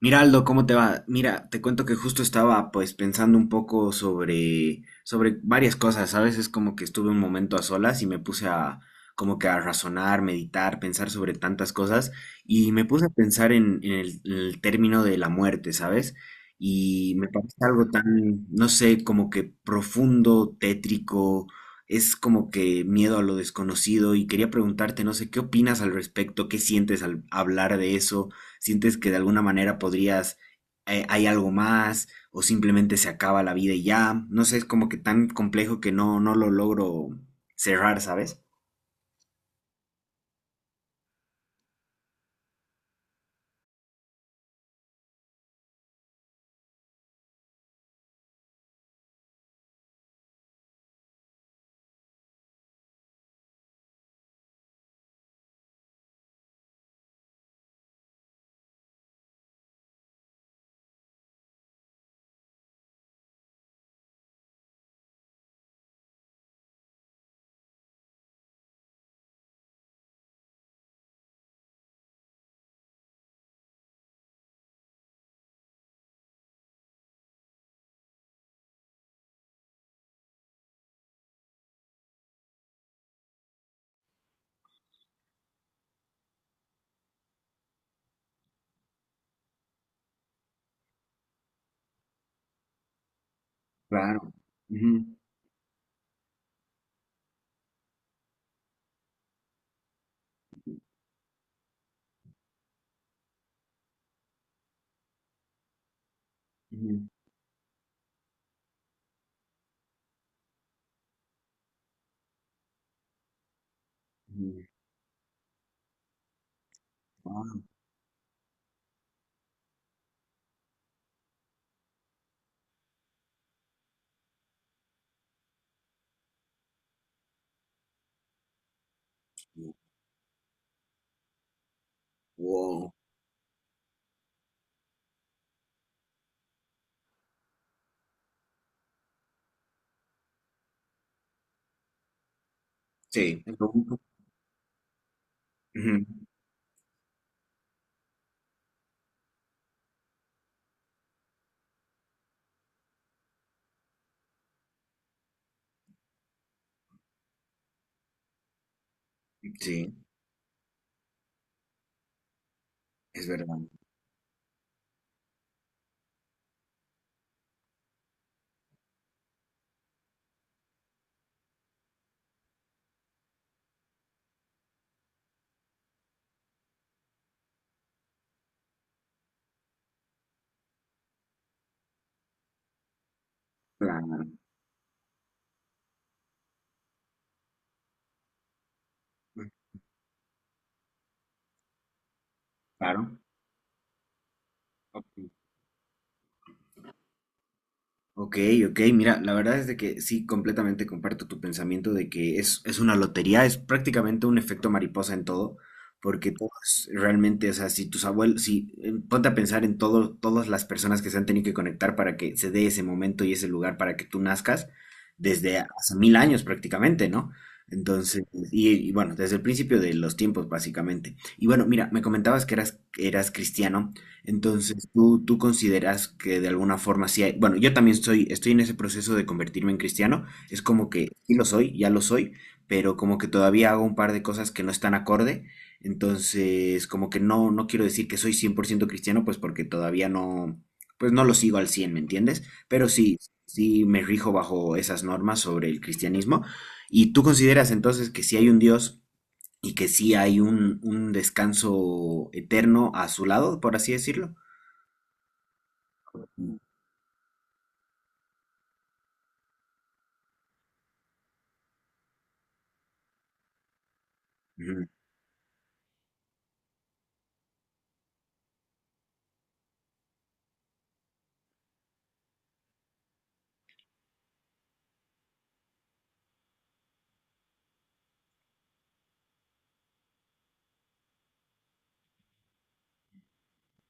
Miraldo, ¿cómo te va? Mira, te cuento que justo estaba pues pensando un poco sobre varias cosas, ¿sabes? Es como que estuve un momento a solas y me puse a como que a razonar, meditar, pensar sobre tantas cosas y me puse a pensar en el término de la muerte, ¿sabes? Y me parece algo tan, no sé, como que profundo, tétrico, es como que miedo a lo desconocido y quería preguntarte, no sé, ¿qué opinas al respecto? ¿Qué sientes al hablar de eso? Sientes que de alguna manera podrías, hay algo más, o simplemente se acaba la vida y ya. No sé, es como que tan complejo que no lo logro cerrar, ¿sabes? Claro. Ujú, ujú, ujú. Ah, ok. Wow. Sí, es lo único. Ujú. Sí, es verdad. Claro. Claro. Ok. Ok, ok, mira, la verdad es de que sí, completamente comparto tu pensamiento de que es una lotería, es prácticamente un efecto mariposa en todo, porque todos realmente, o sea, si tus abuelos, si ponte a pensar en todo, todas las personas que se han tenido que conectar para que se dé ese momento y ese lugar para que tú nazcas, desde hace mil años prácticamente, ¿no? Entonces, y bueno, desde el principio de los tiempos, básicamente. Y bueno, mira, me comentabas que eras cristiano. Entonces, ¿tú consideras que de alguna forma sí hay, bueno, yo también soy, estoy en ese proceso de convertirme en cristiano, es como que sí lo soy, ya lo soy, pero como que todavía hago un par de cosas que no están acorde, entonces como que no quiero decir que soy 100% cristiano, pues porque todavía no, pues no lo sigo al cien? ¿Me entiendes? Pero sí, sí me rijo bajo esas normas sobre el cristianismo. ¿Y tú consideras entonces que sí hay un Dios y que sí hay un descanso eterno a su lado, por así decirlo? Ujú,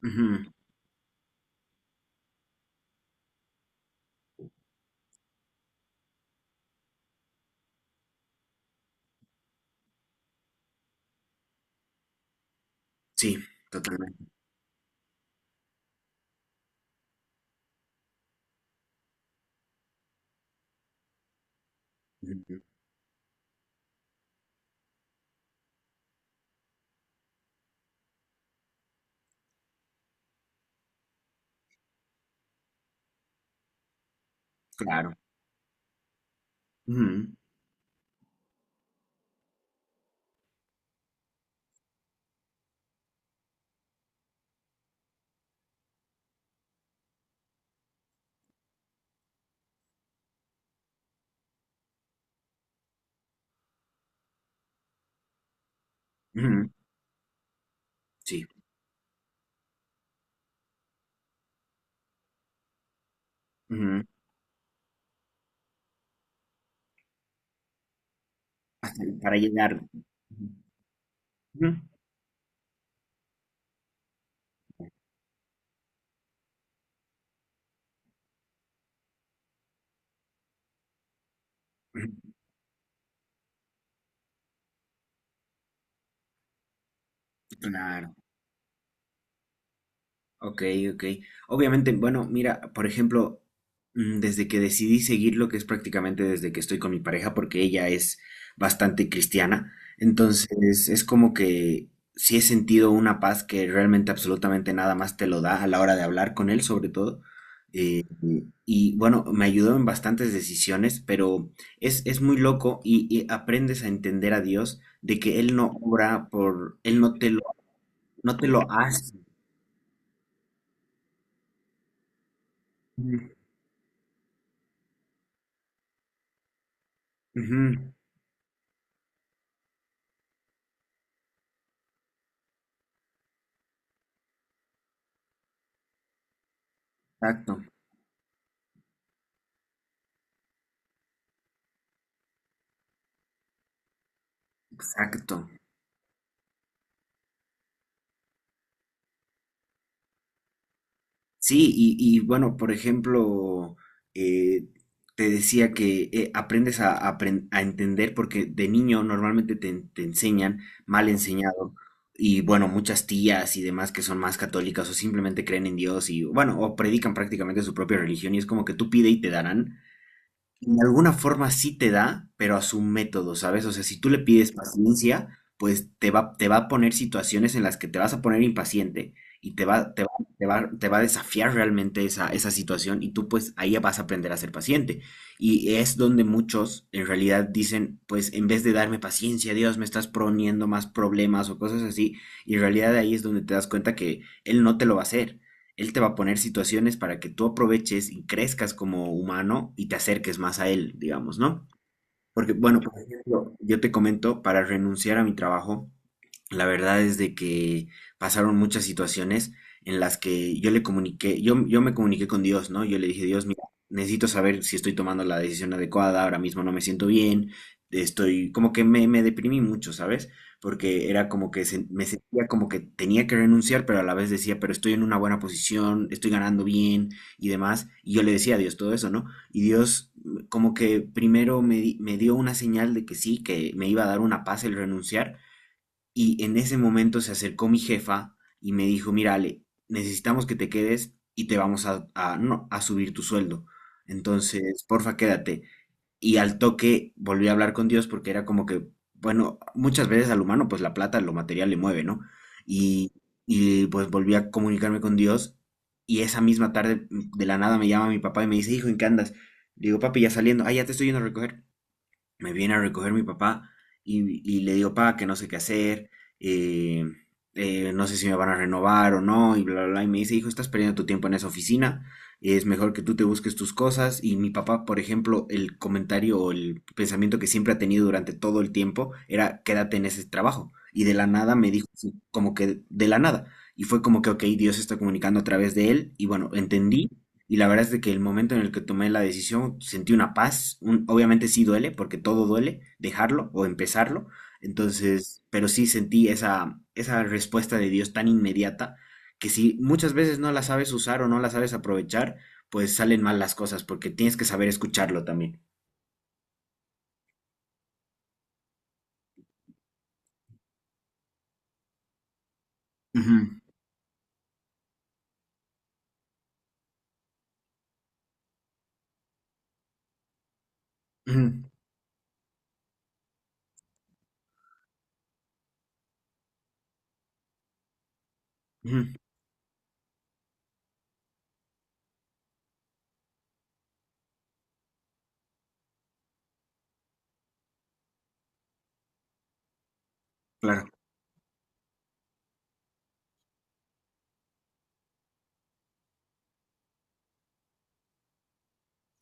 ujú. Sí, totalmente. Ujú. Claro. Ujú, ujú. Sí. Ujú. Para llegar. Ujú, ujú. Claro. Ok, ok. Obviamente, bueno, mira, por ejemplo, desde que decidí seguir lo que es prácticamente desde que estoy con mi pareja, porque ella es bastante cristiana, entonces es como que sí he sentido una paz que realmente absolutamente nada más te lo da a la hora de hablar con él, sobre todo. Y bueno, me ayudó en bastantes decisiones, pero es muy loco y aprendes a entender a Dios de que Él no obra por, Él no te lo, no te lo hace. Ujú, ujú, exacto, exacto. Sí, bueno, por ejemplo, eh, te decía que aprendes a apren- a entender porque de niño normalmente te, en- te enseñan mal enseñado y bueno, muchas tías y demás que son más católicas o simplemente creen en Dios y bueno, o predican prácticamente su propia religión y es como que tú pide y te darán en alguna forma sí te da, pero a su método, ¿sabes? O sea, si tú le pides paciencia, pues te va a poner situaciones en las que te vas a poner impaciente y te va a desafiar realmente esa, esa situación y tú pues ahí vas a aprender a ser paciente. Y es donde muchos en realidad dicen, pues en vez de darme paciencia, Dios, me estás poniendo más problemas o cosas así, y en realidad ahí es donde te das cuenta que él no te lo va a hacer. Él te va a poner situaciones para que tú aproveches y crezcas como humano y te acerques más a él, digamos, ¿no? Porque, bueno, por ejemplo, yo te comento, para renunciar a mi trabajo, la verdad es de que pasaron muchas situaciones en las que yo le comuniqué, yo me comuniqué con Dios, ¿no? Yo le dije, Dios, mira, necesito saber si estoy tomando la decisión adecuada, ahora mismo no me siento bien, estoy, como que me deprimí mucho, ¿sabes? Porque era como que se- me sentía como que tenía que renunciar, pero a la vez decía, pero estoy en una buena posición, estoy ganando bien y demás. Y yo le decía a Dios todo eso, ¿no? Y Dios como que primero me, di- me dio una señal de que sí, que me iba a dar una paz el renunciar, y en ese momento se acercó mi jefa y me dijo, mira, Ale, necesitamos que te quedes y te vamos a- no, a subir tu sueldo. Entonces, porfa, quédate y al toque volví a hablar con Dios porque era como que, bueno, muchas veces al humano pues la plata, lo material le mueve, ¿no? Y, y pues volví a comunicarme con Dios y esa misma tarde de la nada me llama mi papá y me dice, hijo, ¿en qué andas? Le digo, papi, ya saliendo, ah, ya te estoy yendo a recoger, me viene a recoger mi papá y le digo, pa, que no sé qué hacer, eh, no sé si me van a renovar o no, y bla, bla, bla. Y me dice, hijo, estás perdiendo tu tiempo en esa oficina, es mejor que tú te busques tus cosas. Y mi papá, por ejemplo, el comentario o el pensamiento que siempre ha tenido durante todo el tiempo era, quédate en ese trabajo. Y de la nada me dijo, así, como que de la nada. Y fue como que, ok, Dios está comunicando a través de él. Y bueno, entendí y la verdad es de que el momento en el que tomé la decisión sentí una paz. Un- obviamente sí duele, porque todo duele, dejarlo o empezarlo. Entonces, pero sí sentí esa, esa respuesta de Dios tan inmediata que si muchas veces no la sabes usar o no la sabes aprovechar, pues salen mal las cosas, porque tienes que saber escucharlo también. Ujú, ujú, ujú, claro.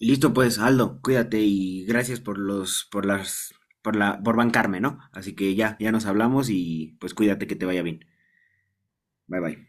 Listo pues, Aldo, cuídate y gracias por los, por las, por la, por bancarme, ¿no? Así que ya, ya nos hablamos y pues cuídate que te vaya bien. Bye bye.